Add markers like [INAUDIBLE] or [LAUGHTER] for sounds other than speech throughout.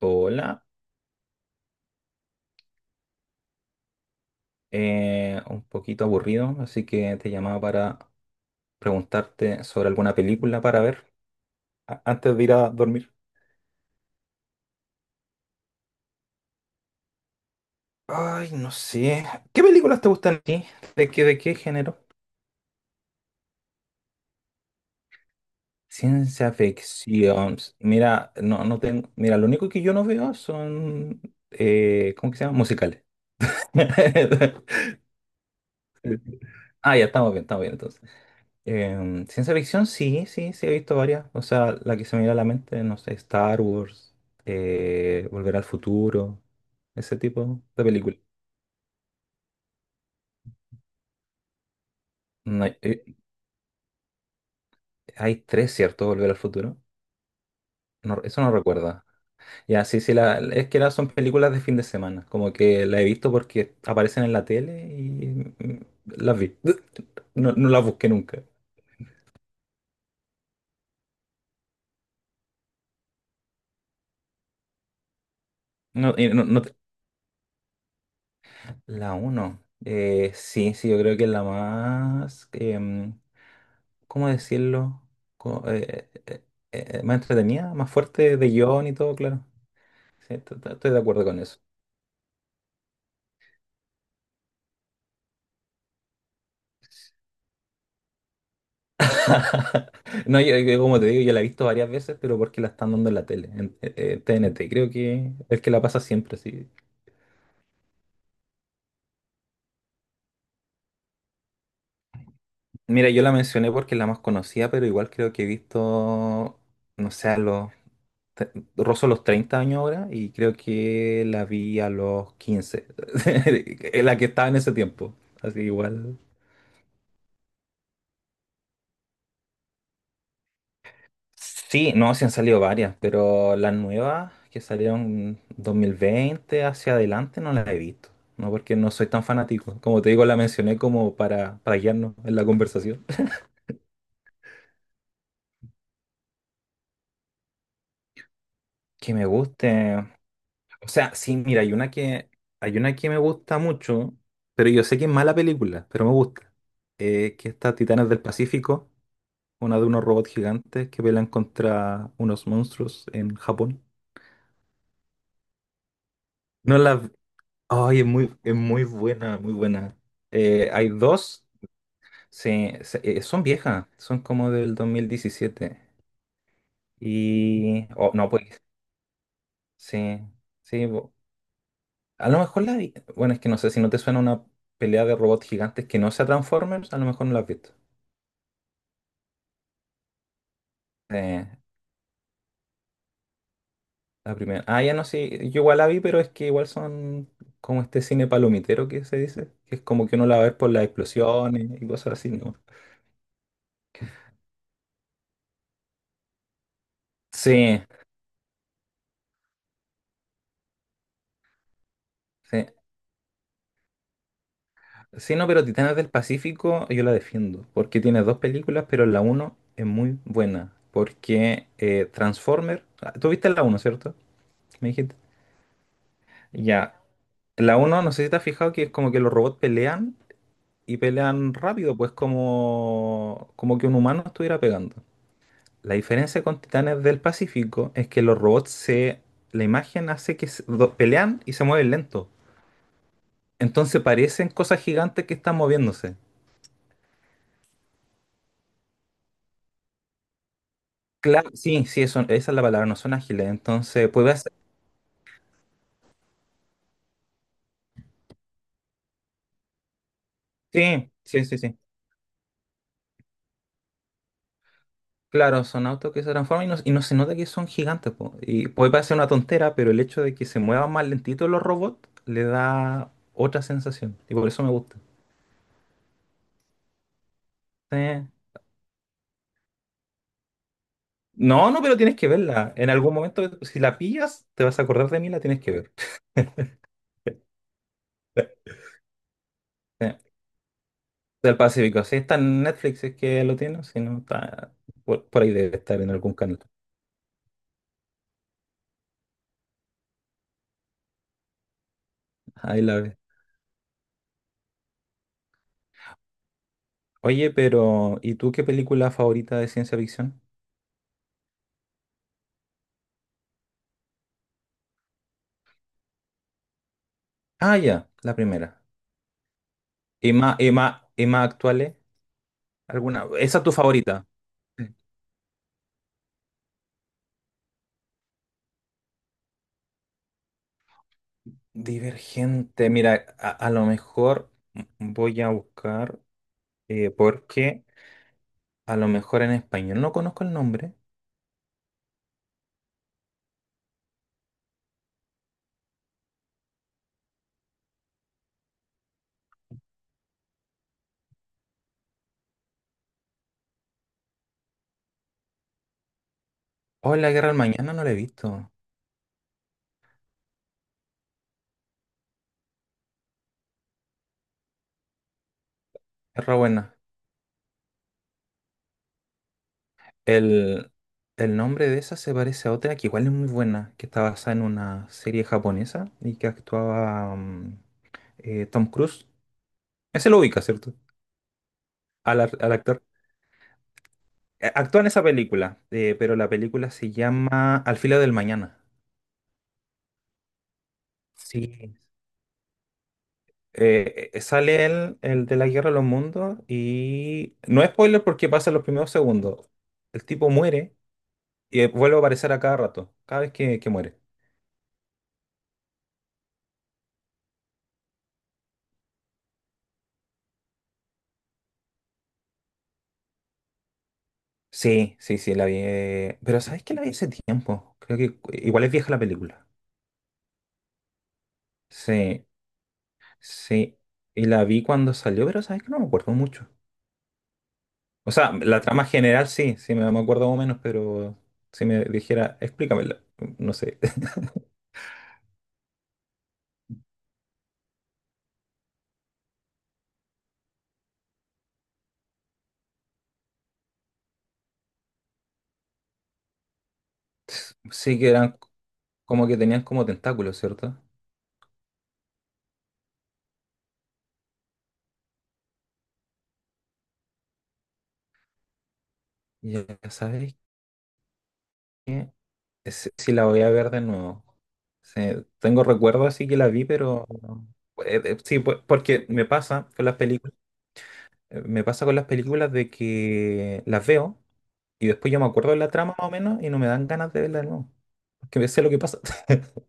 Hola, un poquito aburrido, así que te llamaba para preguntarte sobre alguna película para ver antes de ir a dormir. Ay, no sé. ¿Qué películas te gustan a ti? ¿De qué género? Ciencia ficción. Mira, no, no tengo. Mira, lo único que yo no veo son, ¿cómo que se llama?, musicales. [LAUGHS] Ah, ya, estamos bien entonces. Ciencia ficción, sí, sí, sí, he visto varias. O sea, la que se me viene a la mente, no sé, Star Wars, Volver al Futuro, ese tipo de películas. No hay tres, ¿cierto? Volver al Futuro. No, eso no recuerda. Ya, sí, sí, es que son películas de fin de semana. Como que la he visto porque aparecen en la tele y mm, las vi. [LAUGHS] No, no las busqué nunca. No, y no- no te- la 1. Sí, sí, yo creo que es la más, ¿cómo decirlo?, Co- eh, eh, más entretenida, más fuerte de guión y todo, claro. Sí, estoy de acuerdo con eso. [LAUGHS] No, yo como te digo, yo la he visto varias veces, pero porque la están dando en la tele, en TNT. Creo que es que la pasa siempre, sí. Mira, yo la mencioné porque es la más conocida, pero igual creo que he visto, no sé. Te- Rozo los 30 años ahora y creo que la vi a los 15, [LAUGHS] la que estaba en ese tiempo. Así que igual. Sí, no, sí han salido varias, pero las nuevas que salieron 2020 hacia adelante no las he visto. No porque no soy tan fanático. Como te digo, la mencioné como para guiarnos en la conversación. [LAUGHS] Que me guste. O sea, sí, mira, hay una que me gusta mucho, pero yo sé que es mala película, pero me gusta. Que está Titanes del Pacífico, una de unos robots gigantes que pelean contra unos monstruos en Japón. No la, Ay, es muy buena, muy buena. Hay dos, son viejas, son como del 2017. Oh, no, pues, sí, sí. A lo mejor la vi- Bueno, es que no sé, si no te suena una pelea de robots gigantes que no sea Transformers, a lo mejor no la has visto. Eh, la primera. Ah, ya no sé, yo igual la vi, pero es que igual son como este cine palomitero que se dice, que es como que uno la ve por las explosiones y cosas así, ¿no? Sí, sí. Sí, no, pero Titanes del Pacífico yo la defiendo, porque tiene dos películas, pero la uno es muy buena, porque Transformer, ah, tú viste la uno, ¿cierto? Me dijiste. Ya, la uno, no sé si te has fijado que es como que los robots pelean y pelean rápido, pues como que un humano estuviera pegando. La diferencia con Titanes del Pacífico es que la imagen hace que pelean y se mueven lento. Entonces parecen cosas gigantes que están moviéndose. Claro, sí, sí, esa es la palabra, no son ágiles. Entonces, puede hacer. Sí, sí, sí, sí. Claro, son autos que se transforman y no se nota que son gigantes, po. Y puede parecer una tontera, pero el hecho de que se muevan más lentito los robots le da otra sensación. Y por eso me gusta. Sí. No, no, pero tienes que verla. En algún momento, si la pillas, te vas a acordar de mí, la tienes que ver. Sí, del Pacífico. Si está en Netflix, si es que lo tiene. Si no, está por ahí debe estar en algún canal. Ahí la ves. Oye, pero ¿y tú qué película favorita de ciencia ficción? Ah, ya, la primera. ¿Y más actuales? ¿Alguna? ¿Esa es tu favorita? Sí. Divergente. Mira, a lo mejor voy a buscar, porque a lo mejor en español no conozco el nombre. Oh, La Guerra del Mañana no la he visto. Es re buena. El, el nombre de esa se parece a otra que igual es muy buena, que está basada en una serie japonesa y que actuaba, Tom Cruise. Ese lo ubica, ¿cierto? Al actor. Actúa en esa película, pero la película se llama Al filo del mañana. Sí. Sale él, el de la Guerra de los Mundos, y no es spoiler porque pasa en los primeros segundos. El tipo muere y vuelve a aparecer a cada rato, cada vez que muere. Sí, sí, sí, la vi, pero ¿sabes que la vi hace tiempo? Creo que igual es vieja la película. Sí, sí. Y la vi cuando salió, pero ¿sabes que no me acuerdo mucho? O sea, la trama general sí, sí me acuerdo más o menos, pero si me dijera, explícamela, no sé. [LAUGHS] Sí que eran como que tenían como tentáculos, ¿cierto? Ya sabéis que si la voy a ver de nuevo. Sí, tengo recuerdo así que la vi, pero sí, pues, porque me pasa con las películas, me pasa con las películas de que las veo y después yo me acuerdo de la trama más o menos y no me dan ganas de verla de nuevo. Porque sé lo que pasa. [LAUGHS]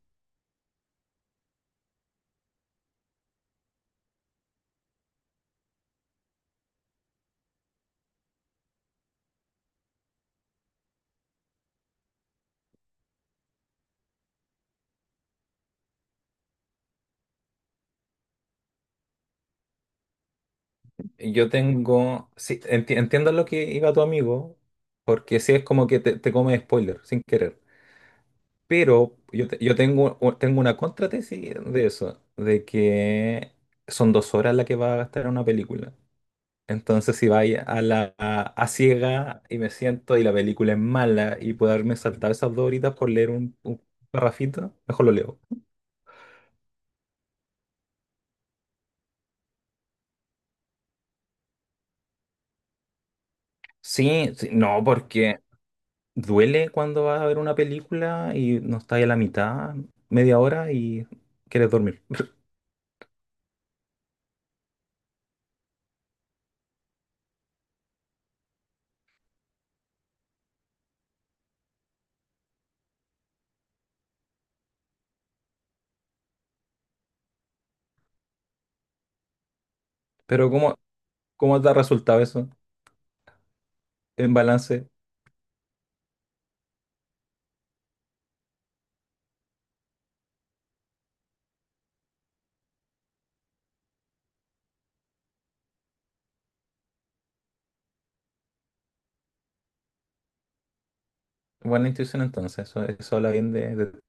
Sí, entiendo lo que iba tu amigo, porque sí es como que te come spoiler sin querer. Pero yo tengo una contratesis de eso, de que son 2 horas las que va a gastar una película. Entonces si vais a ciega y me siento y la película es mala y puedo haberme saltado esas 2 horitas por leer un parrafito, mejor lo leo. Sí, sí, no, porque duele cuando vas a ver una película y no estás a la mitad, media hora y quieres dormir. [LAUGHS] Pero ¿cómo te ha resultado eso? En balance, buena intuición entonces, eso habla bien de...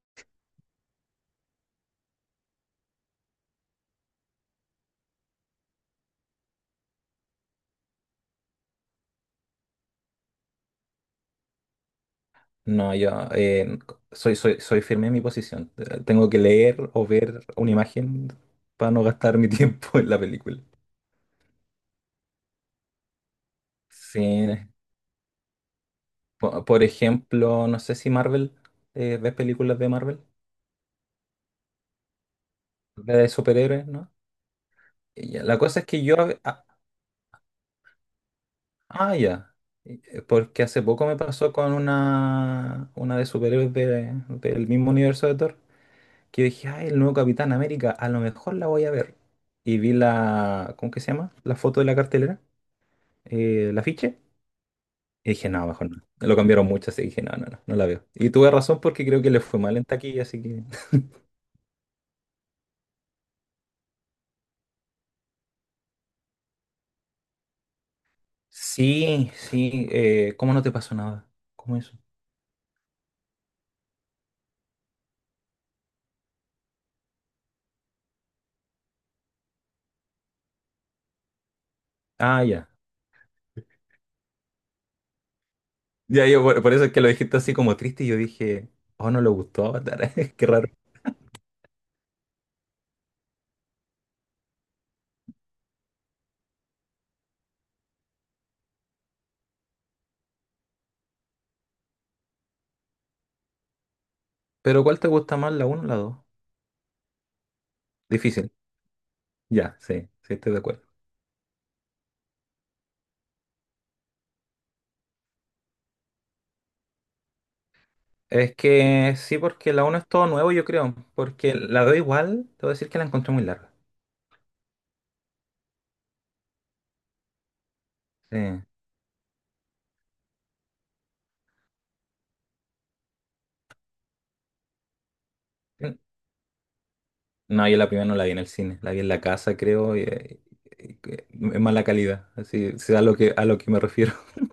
No, yo soy firme en mi posición. Tengo que leer o ver una imagen para no gastar mi tiempo [LAUGHS] en la película. Sí, por ejemplo, no sé si Marvel, ¿ves películas de Marvel? De superhéroes, ¿no? Y ya, la cosa es que yo... Ah, ya. Porque hace poco me pasó con una de superhéroes del mismo universo de Thor, que dije, ay, el nuevo Capitán América, a lo mejor la voy a ver. Y vi la, ¿cómo que se llama?, la foto de la cartelera, la afiche, y dije, no, mejor no. Lo cambiaron mucho, así que dije, no, no, no, no la veo. Y tuve razón porque creo que le fue mal en taquilla, así que... [LAUGHS] Sí, sí, ¿cómo no te pasó nada? ¿Cómo eso? Ah, ya. Ya, yo por eso es que lo dijiste así como triste y yo dije, oh, no le gustó Avatar, [LAUGHS] qué raro. Pero ¿cuál te gusta más, la uno o la 2? Difícil. Ya, sí, sí, estoy de acuerdo. Es que sí, porque la uno es todo nuevo, yo creo. Porque la 2 igual, te voy a decir que la encontré muy larga. Sí. Sí. No, yo la primera no la vi en el cine, la vi en la casa, creo, en mala calidad. Así es a lo que me refiero. [LAUGHS]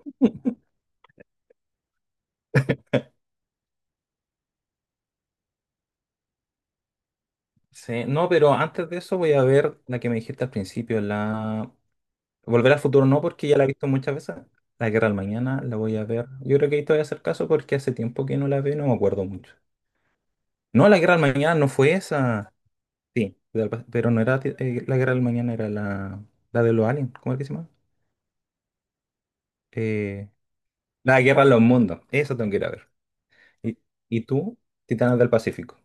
Sí, no, pero antes de eso voy a ver la que me dijiste al principio, la... Volver al futuro no, porque ya la he visto muchas veces. La Guerra del Mañana la voy a ver. Yo creo que ahí te voy a hacer caso porque hace tiempo que no la veo y no me acuerdo mucho. No, la Guerra del Mañana no fue esa. Sí, pero no era la Guerra del Mañana, era la de los aliens. ¿Cómo es que se llama? Eh, la Guerra de los Mundos. Esa tengo que ir a ver. ¿Y, y tú? Titanes del Pacífico.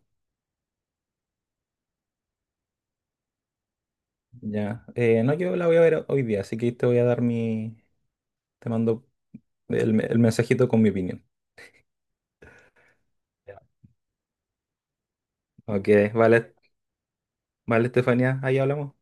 Ya. No, yo la voy a ver hoy día, así que te voy a dar mi... Te mando el mensajito con mi opinión. Ya. Ok, vale, vale, Estefanía, ahí hablamos.